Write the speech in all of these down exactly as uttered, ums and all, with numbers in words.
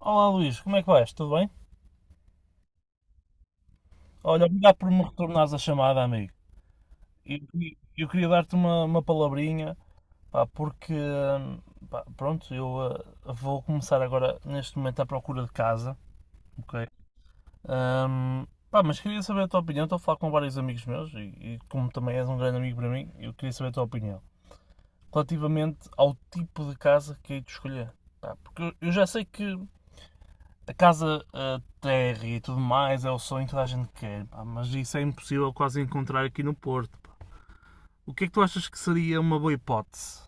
Olá Luís, como é que vais? Tudo bem? Olha, obrigado por me retornares a chamada, amigo. E e eu queria dar-te uma, uma palavrinha, pá, porque, hum, pá, pronto, eu ah, vou começar agora, neste momento, à procura de casa, ok? Hum, pá, mas queria saber a tua opinião. Estou a falar com vários amigos meus e, e como também és um grande amigo para mim, eu queria saber a tua opinião relativamente ao tipo de casa que hei de escolher. Pá, porque eu, eu já sei que a casa, a terra e tudo mais é o sonho que toda a gente quer, pá, mas isso é impossível quase encontrar aqui no Porto, pá. O que é que tu achas que seria uma boa hipótese?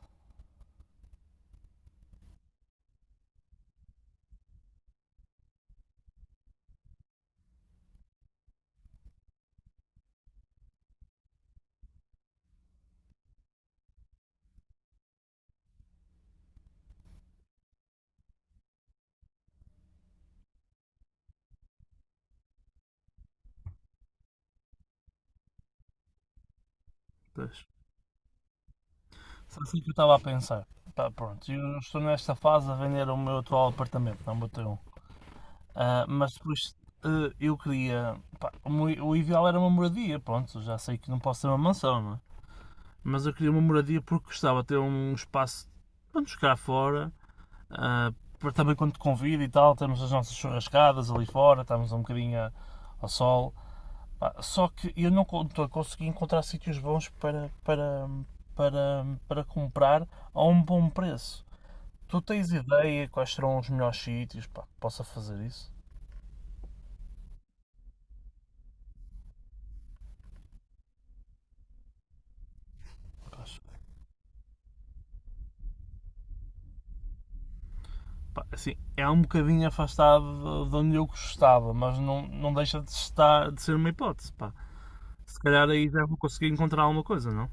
Pois, foi assim que eu estava a pensar. Tá, pronto, eu estou nesta fase a vender o meu atual apartamento, não botei um. Ah, mas depois ah, eu queria, pá, o meu- o ideal era uma moradia, pronto, já sei que não posso ter uma mansão, não é? Mas eu queria uma moradia porque gostava de ter um espaço para nos ficar fora. Ah, por- Também quando te convido e tal, temos as nossas churrascadas ali fora, estamos um bocadinho ao sol. Só que eu não con- tô- consegui encontrar sítios bons para, para, para, para comprar a um bom preço. Tu tens ideia quais serão os melhores sítios para que possa fazer isso? Assim, é um bocadinho afastado de onde eu gostava, mas não, não deixa de estar, de ser uma hipótese. Pá, se calhar aí já vou conseguir encontrar alguma coisa, não?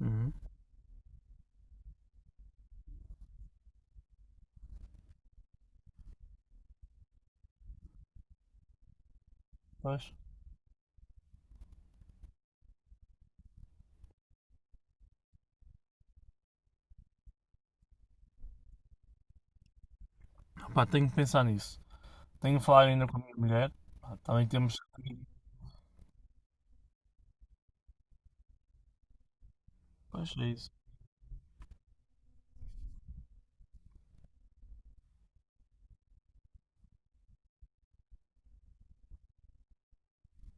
Uhum. Pois. Pá, tenho que pensar nisso. Tenho a falar ainda com a minha mulher. Pá, também temos. Pois é isso.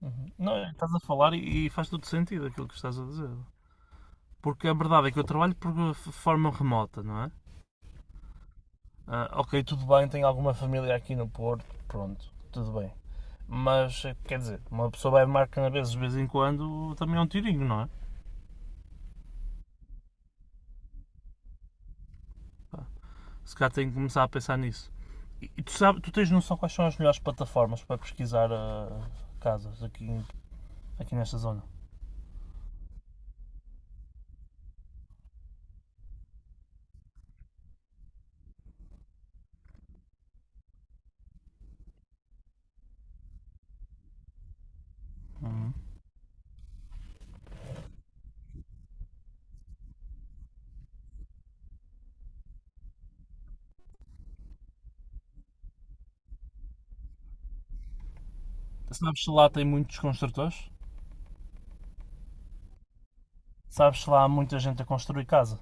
Uhum. Não, é, estás a falar e, e faz todo sentido aquilo que estás a dizer. Porque a verdade é que eu trabalho por f- forma remota, não é? Ah, ok, tudo bem, tenho alguma família aqui no Porto, pronto, tudo bem. Mas, eh, quer dizer, uma pessoa vai marcar na vez de vez em quando, também é um tirinho, não é? Se calhar tem que começar a pensar nisso. E, e tu, sabes, tu tens noção quais são as melhores plataformas para pesquisar ah, casas aqui, aqui nesta zona? Sabes se lá tem muitos construtores? Sabes, lá há muita gente a construir casa.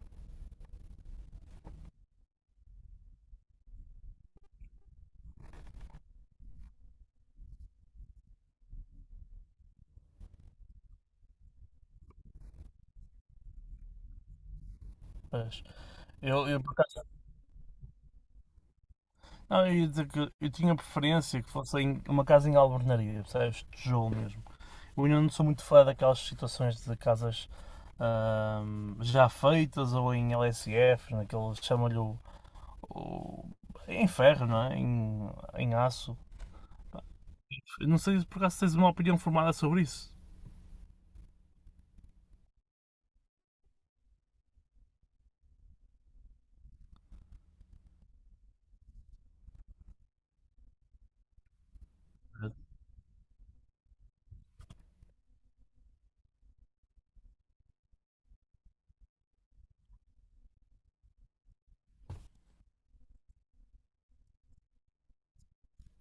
Pois. Eu, eu, por acaso- não, eu ia dizer que eu tinha preferência que fosse em- uma casa em albernaria, percebes? Tijolo mesmo. Eu ainda não sou muito fã daquelas situações de casas ahm, já feitas ou em L S F, naqueles chamam-lhe o, o- em ferro, não é? Em, em aço. Eu não sei se por acaso tens uma opinião formada sobre isso.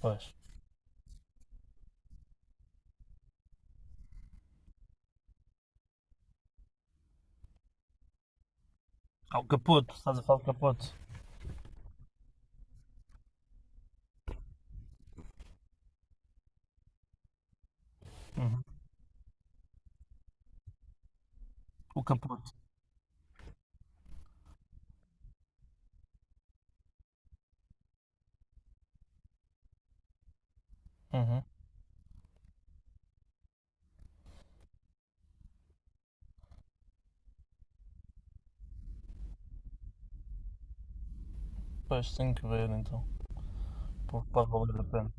Pois. Ah, o capoto, estás a falar do capoto. Uhum. O capoto. Uhum. Pois, tenho que ver então. Pouco para valer a pena.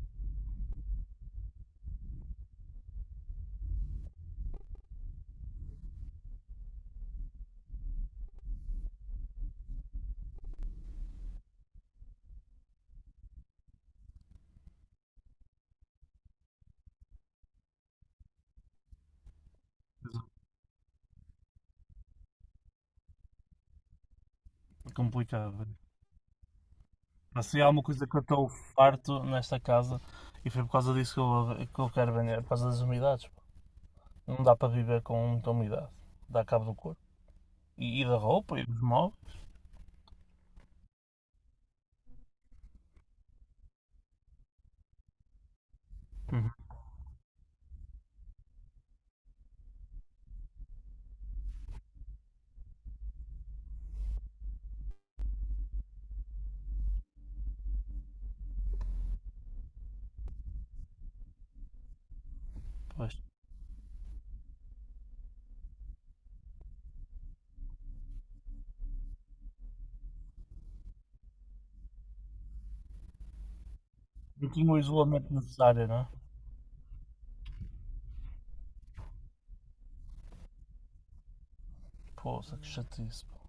É complicado, velho. Mas se há alguma coisa que eu estou farto nesta casa e foi por causa disso que eu, que eu quero vender, por causa das umidades, pá. Não dá para viver com muita umidade. Dá cabo do corpo. E, e da roupa e dos móveis. Uhum. Pois. E tinha o isolamento necessário, não é? Poça, que chatice, pá.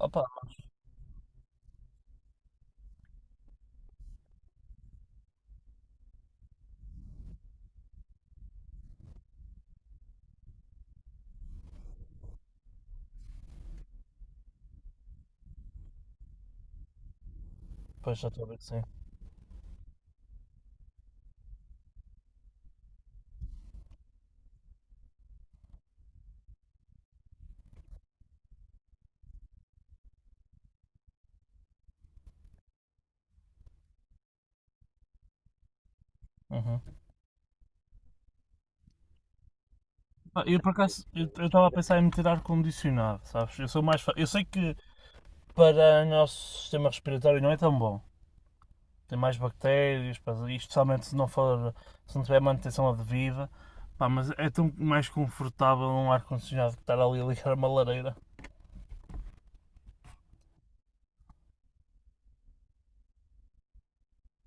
Opa, pois já estou a ver que sim. Uhum. Ah, eu por acaso, eu eu estava a pensar em meter ar-condicionado, sabes? Eu sou mais. fa- Eu sei que para o nosso sistema respiratório não é tão bom. Tem mais bactérias, pá, e especialmente se não for, se não tiver manutenção devida, pá, mas é tão mais confortável um ar-condicionado que estar ali a ligar uma lareira.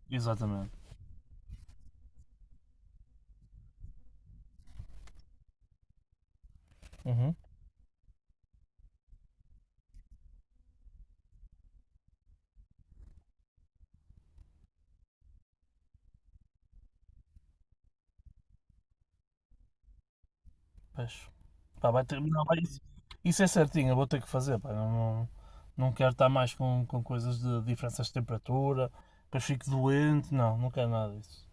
Exatamente. Uhum. Pois. Pá, vai ter, não, vai- isso é certinho, eu vou ter que fazer, pá, não, não, não quero estar mais com, com coisas de diferenças de temperatura, que eu fico doente, não, não quero nada disso.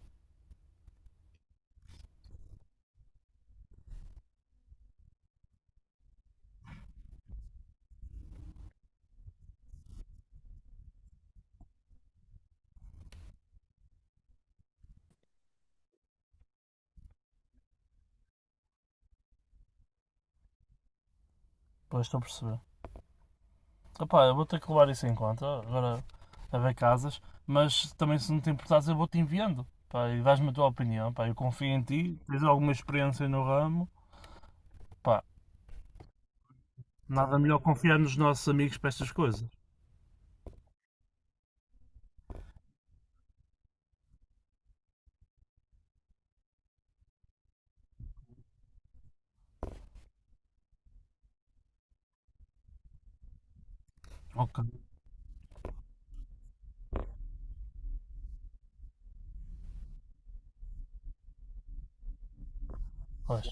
Pois estou a perceber. Opa, eu vou ter que levar isso em conta, agora a ver casas, mas também se não te importares eu vou-te enviando, pá, e dás-me a tua opinião, pá, eu confio em ti, tens alguma experiência no ramo, pá, nada melhor confiar nos nossos amigos para estas coisas. Ok, pois.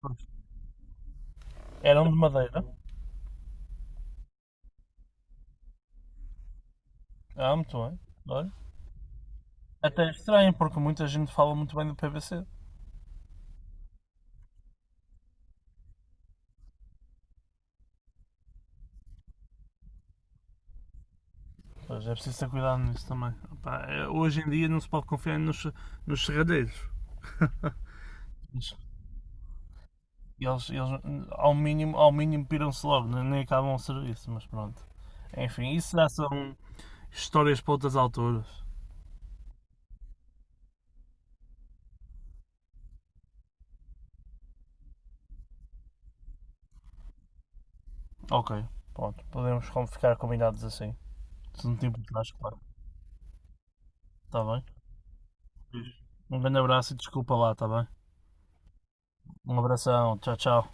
Pois. Eram de madeira, ah, muito bem, olha. Até é estranho, porque muita gente fala muito bem do P V C. Pois, é preciso ter cuidado nisso também. Opá, é- hoje em dia não se pode confiar nos, nos serradeiros. Mas, eles, eles ao mínimo, ao mínimo piram-se logo, nem nem acabam o serviço, mas pronto. Enfim, isso já são histórias para outras alturas. Ok, pronto, podemos com- ficar combinados assim. Se não te importares, claro. Está bem? Um grande abraço e desculpa lá, está bem? Um abração, tchau, tchau.